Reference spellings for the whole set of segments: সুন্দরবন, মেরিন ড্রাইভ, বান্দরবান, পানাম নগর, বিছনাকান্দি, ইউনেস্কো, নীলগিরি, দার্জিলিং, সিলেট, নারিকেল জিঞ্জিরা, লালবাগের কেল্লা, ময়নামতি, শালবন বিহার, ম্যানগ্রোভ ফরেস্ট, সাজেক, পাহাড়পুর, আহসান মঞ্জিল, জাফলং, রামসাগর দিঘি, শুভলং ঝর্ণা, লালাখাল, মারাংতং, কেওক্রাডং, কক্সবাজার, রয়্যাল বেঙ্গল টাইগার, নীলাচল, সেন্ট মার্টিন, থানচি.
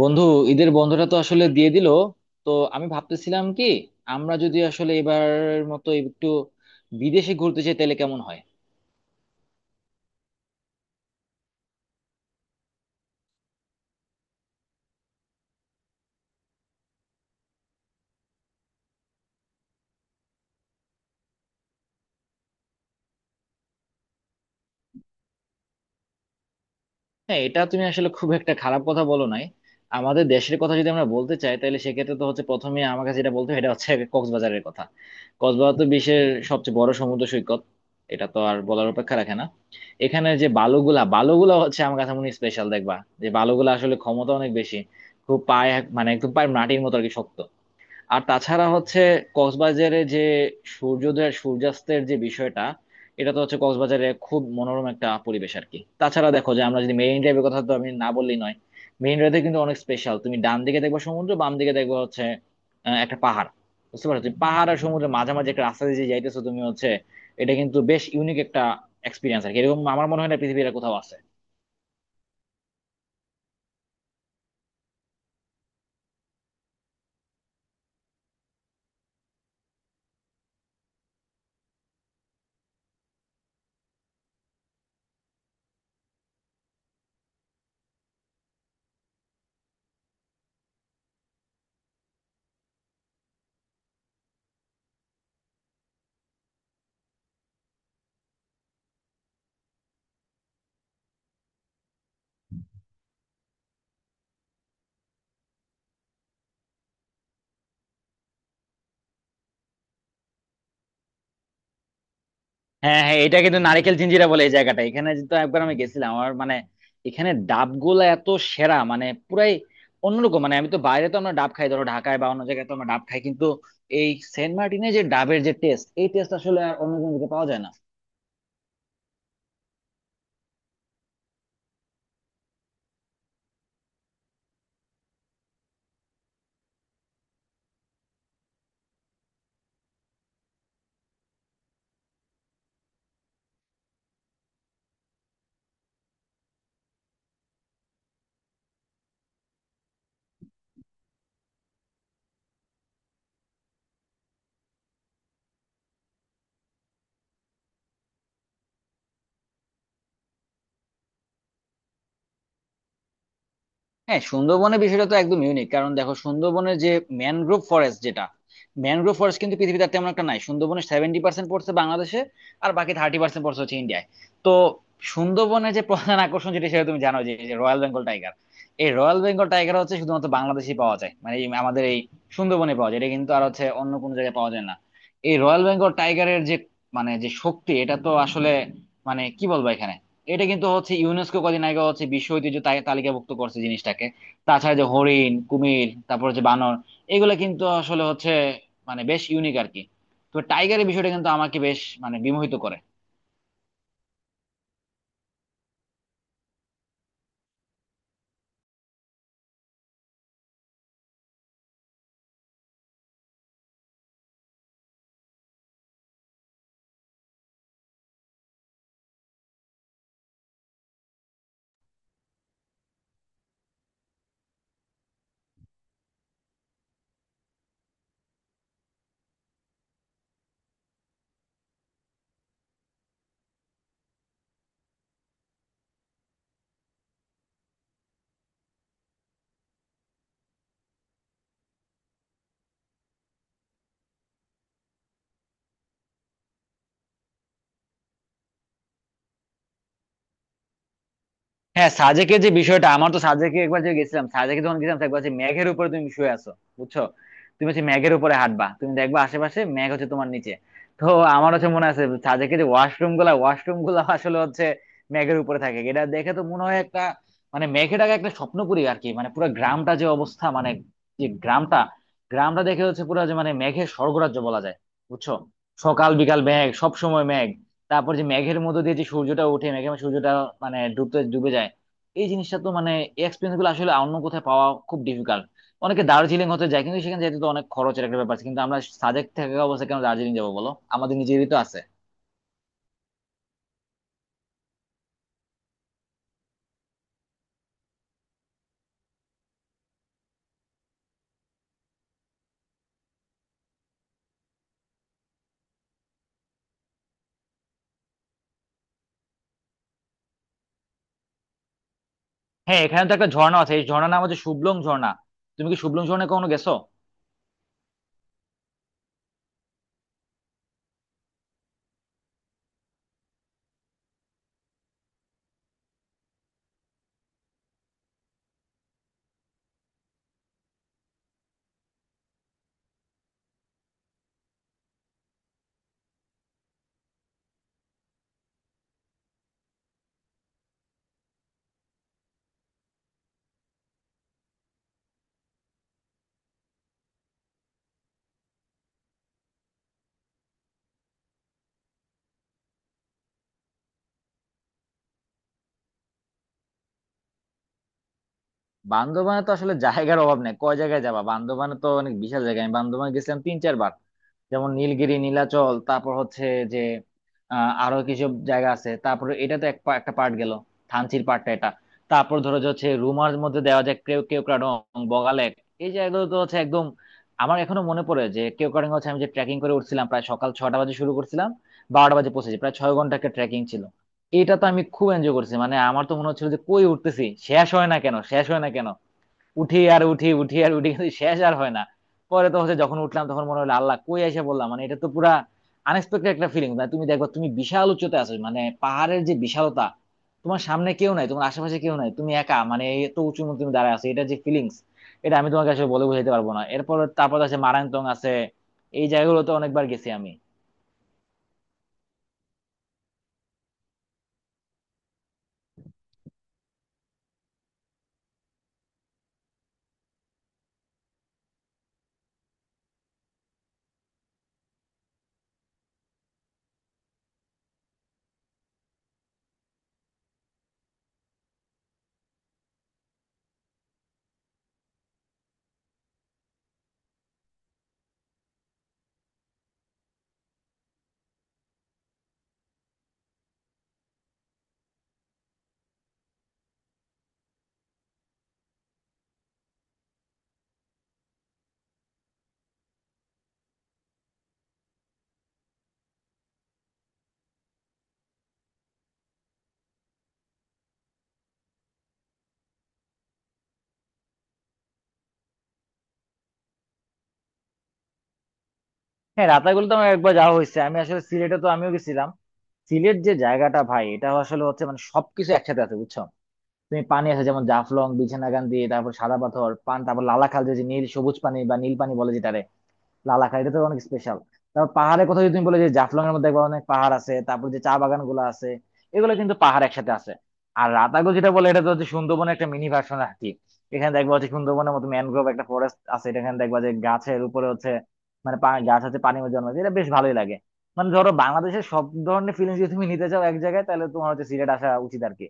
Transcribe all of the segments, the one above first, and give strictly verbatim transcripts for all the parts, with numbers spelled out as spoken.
বন্ধু, ঈদের বন্ধটা তো আসলে দিয়ে দিল। তো আমি ভাবতেছিলাম কি, আমরা যদি আসলে এবার মতো একটু বিদেশে ঘুরতে চাই তাহলে কেমন হয়। হ্যাঁ, এটা তুমি আসলে খুব একটা খারাপ কথা বলো নাই। আমাদের দেশের কথা যদি আমরা বলতে চাই তাহলে সেক্ষেত্রে তো হচ্ছে প্রথমে আমার কাছে যেটা বলতে হয় এটা হচ্ছে কক্সবাজারের কথা। কক্সবাজার তো বিশ্বের সবচেয়ে বড় সমুদ্র সৈকত, এটা তো আর বলার অপেক্ষা রাখে না। এখানে যে বালুগুলা বালুগুলা হচ্ছে আমার কাছে মনে স্পেশাল, দেখবা যে বালুগুলা আসলে ক্ষমতা অনেক বেশি। খুব পায়ে মানে একদম পায়ে মাটির মতো আর কি শক্ত। আর তাছাড়া হচ্ছে কক্সবাজারে যে সূর্যোদয় আর সূর্যাস্তের যে বিষয়টা, এটা তো হচ্ছে কক্সবাজারে খুব মনোরম একটা পরিবেশ আর কি। তাছাড়া দেখো যে আমরা যদি মেরিন ড্রাইভের কথা, তো আমি না বললেই নয়। মেরিন ড্রাইভে কিন্তু অনেক স্পেশাল, তুমি ডান দিকে দেখবা সমুদ্র, বাম দিকে দেখবা হচ্ছে আহ, একটা পাহাড়। বুঝতে পারছো, তুমি পাহাড় আর সমুদ্রের মাঝামাঝি একটা রাস্তা দিয়ে যে যাইতেছো তুমি, হচ্ছে এটা কিন্তু বেশ ইউনিক একটা এক্সপিরিয়েন্স আর কি, এরকম আমার মনে হয় না পৃথিবীর আর কোথাও আছে। হ্যাঁ হ্যাঁ, এটা কিন্তু নারিকেল জিঞ্জিরা বলে এই জায়গাটা, এখানে তো একবার আমি গেছিলাম আমার মানে। এখানে ডাবগুলা এত সেরা মানে পুরাই অন্যরকম, মানে আমি তো বাইরে তো আমরা ডাব খাই ধরো ঢাকায় বা অন্য জায়গায় তো আমরা ডাব খাই কিন্তু এই সেন্ট মার্টিনে যে ডাবের যে টেস্ট, এই টেস্ট আসলে আর অন্য কোনো দিকে পাওয়া যায় না। হ্যাঁ, সুন্দরবনের বিষয়টা তো একদম ইউনিক, কারণ দেখো সুন্দরবনের যে ম্যানগ্রোভ ফরেস্ট যেটা, ম্যানগ্রোভ ফরেস্ট কিন্তু পৃথিবীতে আর তেমন একটা নাই। সুন্দরবনের সেভেন্টি পার্সেন্ট পড়ছে বাংলাদেশে, আর বাকি থার্টি পার্সেন্ট পড়ছে হচ্ছে ইন্ডিয়ায়। তো সুন্দরবনের যে প্রধান আকর্ষণ যেটা সেটা তুমি জানো যে রয়্যাল বেঙ্গল টাইগার। এই রয়্যাল বেঙ্গল টাইগার হচ্ছে শুধুমাত্র বাংলাদেশেই পাওয়া যায়, মানে এই আমাদের এই সুন্দরবনে পাওয়া যায়, এটা কিন্তু আর হচ্ছে অন্য কোনো জায়গায় পাওয়া যায় না। এই রয়্যাল বেঙ্গল টাইগারের যে মানে যে শক্তি, এটা তো আসলে মানে কি বলবো। এখানে এটা কিন্তু হচ্ছে ইউনেস্কো কদিন আগে হচ্ছে বিশ্ব ঐতিহ্য তাই- তালিকাভুক্ত করছে জিনিসটাকে। তাছাড়া যে হরিণ, কুমির, তারপর হচ্ছে বানর, এগুলো কিন্তু আসলে হচ্ছে মানে বেশ ইউনিক আর কি। তো টাইগারের বিষয়টা কিন্তু আমাকে বেশ মানে বিমোহিত করে। হ্যাঁ, সাজেকের যে বিষয়টা, আমার তো সাজেকে একবার যে গেছিলাম, সাজেকে যখন গেছিলাম তো একবার হচ্ছে মেঘের উপরে তুমি শুয়ে আছো, বুঝছো। তুমি হচ্ছে মেঘের উপরে হাঁটবা, তুমি দেখবা আশেপাশে মেঘ হচ্ছে তোমার নিচে। তো আমার হচ্ছে মনে আছে সাজেকে যে ওয়াশরুম গুলা ওয়াশরুম গুলা আসলে হচ্ছে মেঘের উপরে থাকে, এটা দেখে তো মনে হয় একটা মানে মেঘেটাকে একটা স্বপ্নপুরী আর কি। মানে পুরো গ্রামটা যে অবস্থা, মানে যে গ্রামটা গ্রামটা দেখে হচ্ছে পুরো যে মানে মেঘের স্বর্গরাজ্য বলা যায়, বুঝছো। সকাল বিকাল মেঘ, সব সময় মেঘ। তারপর যে মেঘের মধ্যে দিয়ে যে সূর্যটা ওঠে, মেঘের মধ্যে সূর্যটা মানে ডুবতে ডুবে যায়। এই জিনিসটা তো মানে এক্সপিরিয়েন্স গুলো আসলে অন্য কোথায় পাওয়া খুব ডিফিকাল্ট। অনেকে দার্জিলিং হতে যায় কিন্তু সেখানে যেতে তো অনেক খরচের একটা ব্যাপার আছে, কিন্তু আমরা সাজেক থাকা অবস্থায় কেন দার্জিলিং যাবো বলো, আমাদের নিজেরই তো আছে। হ্যাঁ, এখানে তো একটা ঝর্ণা আছে, এই ঝর্ণার নাম হচ্ছে শুভলং ঝর্ণা। তুমি কি শুভলং ঝর্ণা কখনো গেছো? বান্দরবানে তো আসলে জায়গার অভাব নেই, কয় জায়গায় যাবা, বান্দরবানে তো অনেক বিশাল জায়গা। আমি বান্দরবানে গেছিলাম তিন চারবার। যেমন নীলগিরি, নীলাচল, তারপর হচ্ছে যে আহ, আরো কিছু জায়গা আছে। তারপর এটা তো এক পা- একটা পার্ট গেল, থানচির পার্টটা এটা। তারপর ধরো যে হচ্ছে রুমার মধ্যে দেওয়া যায় কেউ, কেওক্রাডং, বগালেক, এই জায়গাগুলো তো হচ্ছে একদম। আমার এখনো মনে পড়ে যে কেওক্রাডং হচ্ছে আমি যে ট্রেকিং করে উঠছিলাম, প্রায় সকাল ছটা বাজে শুরু করছিলাম, বারোটা বাজে পৌঁছেছি, প্রায় ছয় ঘন্টা একটা ট্রেকিং ছিল। এটা তো আমি খুব এনজয় করছি, মানে আমার তো মনে হচ্ছিল যে কই উঠতেছি, শেষ হয় না কেন, শেষ হয় না কেন। উঠি আর উঠি, উঠি আর উঠি, কিন্তু শেষ আর হয় না। পরে তো হচ্ছে যখন উঠলাম তখন মনে হলো আল্লাহ কই এসে বললাম, মানে এটা তো পুরা আনএক্সপেক্টেড একটা ফিলিং। মানে তুমি দেখো তুমি বিশাল উচ্চতে আছো, মানে পাহাড়ের যে বিশালতা, তোমার সামনে কেউ নাই, তোমার আশেপাশে কেউ নাই, তুমি একা, মানে এত উঁচু মধ্যে তুমি দাঁড়ায় আছো, এটা যে ফিলিংস, এটা আমি তোমাকে আসলে বলে বোঝাতে পারবো না। এরপর তারপর আছে মারাংতং আছে, এই জায়গাগুলো তো অনেকবার গেছি আমি। হ্যাঁ, রাতাগুলো তো আমার একবার যাওয়া হয়েছে, আমি আসলে সিলেটে তো আমিও গেছিলাম। সিলেট যে জায়গাটা ভাই, এটা আসলে হচ্ছে মানে সবকিছু একসাথে আছে, বুঝছো। তুমি পানি আছে যেমন জাফলং, বিছনাকান্দি, তারপর সাদা পাথর পান, তারপর লালাখাল যে যে নীল সবুজ পানি বা নীল পানি বলে যেটারে, লালাখাই এটা তো অনেক স্পেশাল। তারপর পাহাড়ের কথা যদি তুমি বলে যে জাফলং এর মধ্যে দেখবা অনেক পাহাড় আছে, তারপর যে চা বাগান গুলো আছে, এগুলো কিন্তু পাহাড় একসাথে আছে। আর রাতাগো যেটা বলে, এটা তো হচ্ছে সুন্দরবনের একটা মিনি ভার্সন আর কি। এখানে দেখবা হচ্ছে সুন্দরবনের মতো ম্যানগ্রোভ একটা ফরেস্ট আছে, এটা এখানে দেখবা যে গাছের উপরে হচ্ছে মানে পা- গাছ হচ্ছে পানির মধ্যে জন্মায়, এটা বেশ ভালোই লাগে। মানে ধরো বাংলাদেশের সব ধরনের ফিলিংস যদি তুমি নিতে চাও এক জায়গায় তাহলে তোমার হচ্ছে সিলেট আসা উচিত আর কি।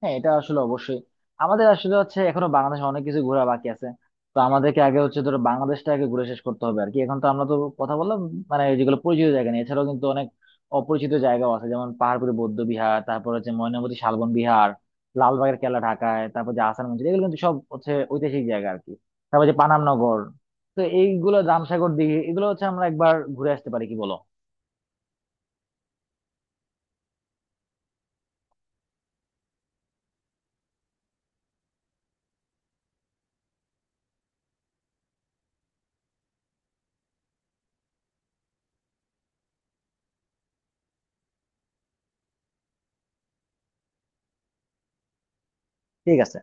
হ্যাঁ, এটা আসলে অবশ্যই। আমাদের আসলে হচ্ছে এখনো বাংলাদেশে অনেক কিছু ঘোরা বাকি আছে, তো আমাদেরকে আগে হচ্ছে ধরো বাংলাদেশটা আগে ঘুরে শেষ করতে হবে আর কি। এখন তো আমরা তো কথা বললাম মানে যেগুলো পরিচিত জায়গা নিয়ে, এছাড়াও কিন্তু অনেক অপরিচিত জায়গাও আছে, যেমন পাহাড়পুরে বৌদ্ধ বিহার, তারপর হচ্ছে ময়নামতি শালবন বিহার, লালবাগের কেল্লা ঢাকায়, তারপর যে আহসান মঞ্জিল, এগুলো কিন্তু সব হচ্ছে ঐতিহাসিক জায়গা আর কি। তারপর যে পানাম নগর, তো এইগুলো রামসাগর দিঘি, এগুলো হচ্ছে আমরা একবার ঘুরে আসতে পারি, কি বলো? ঠিক আছে।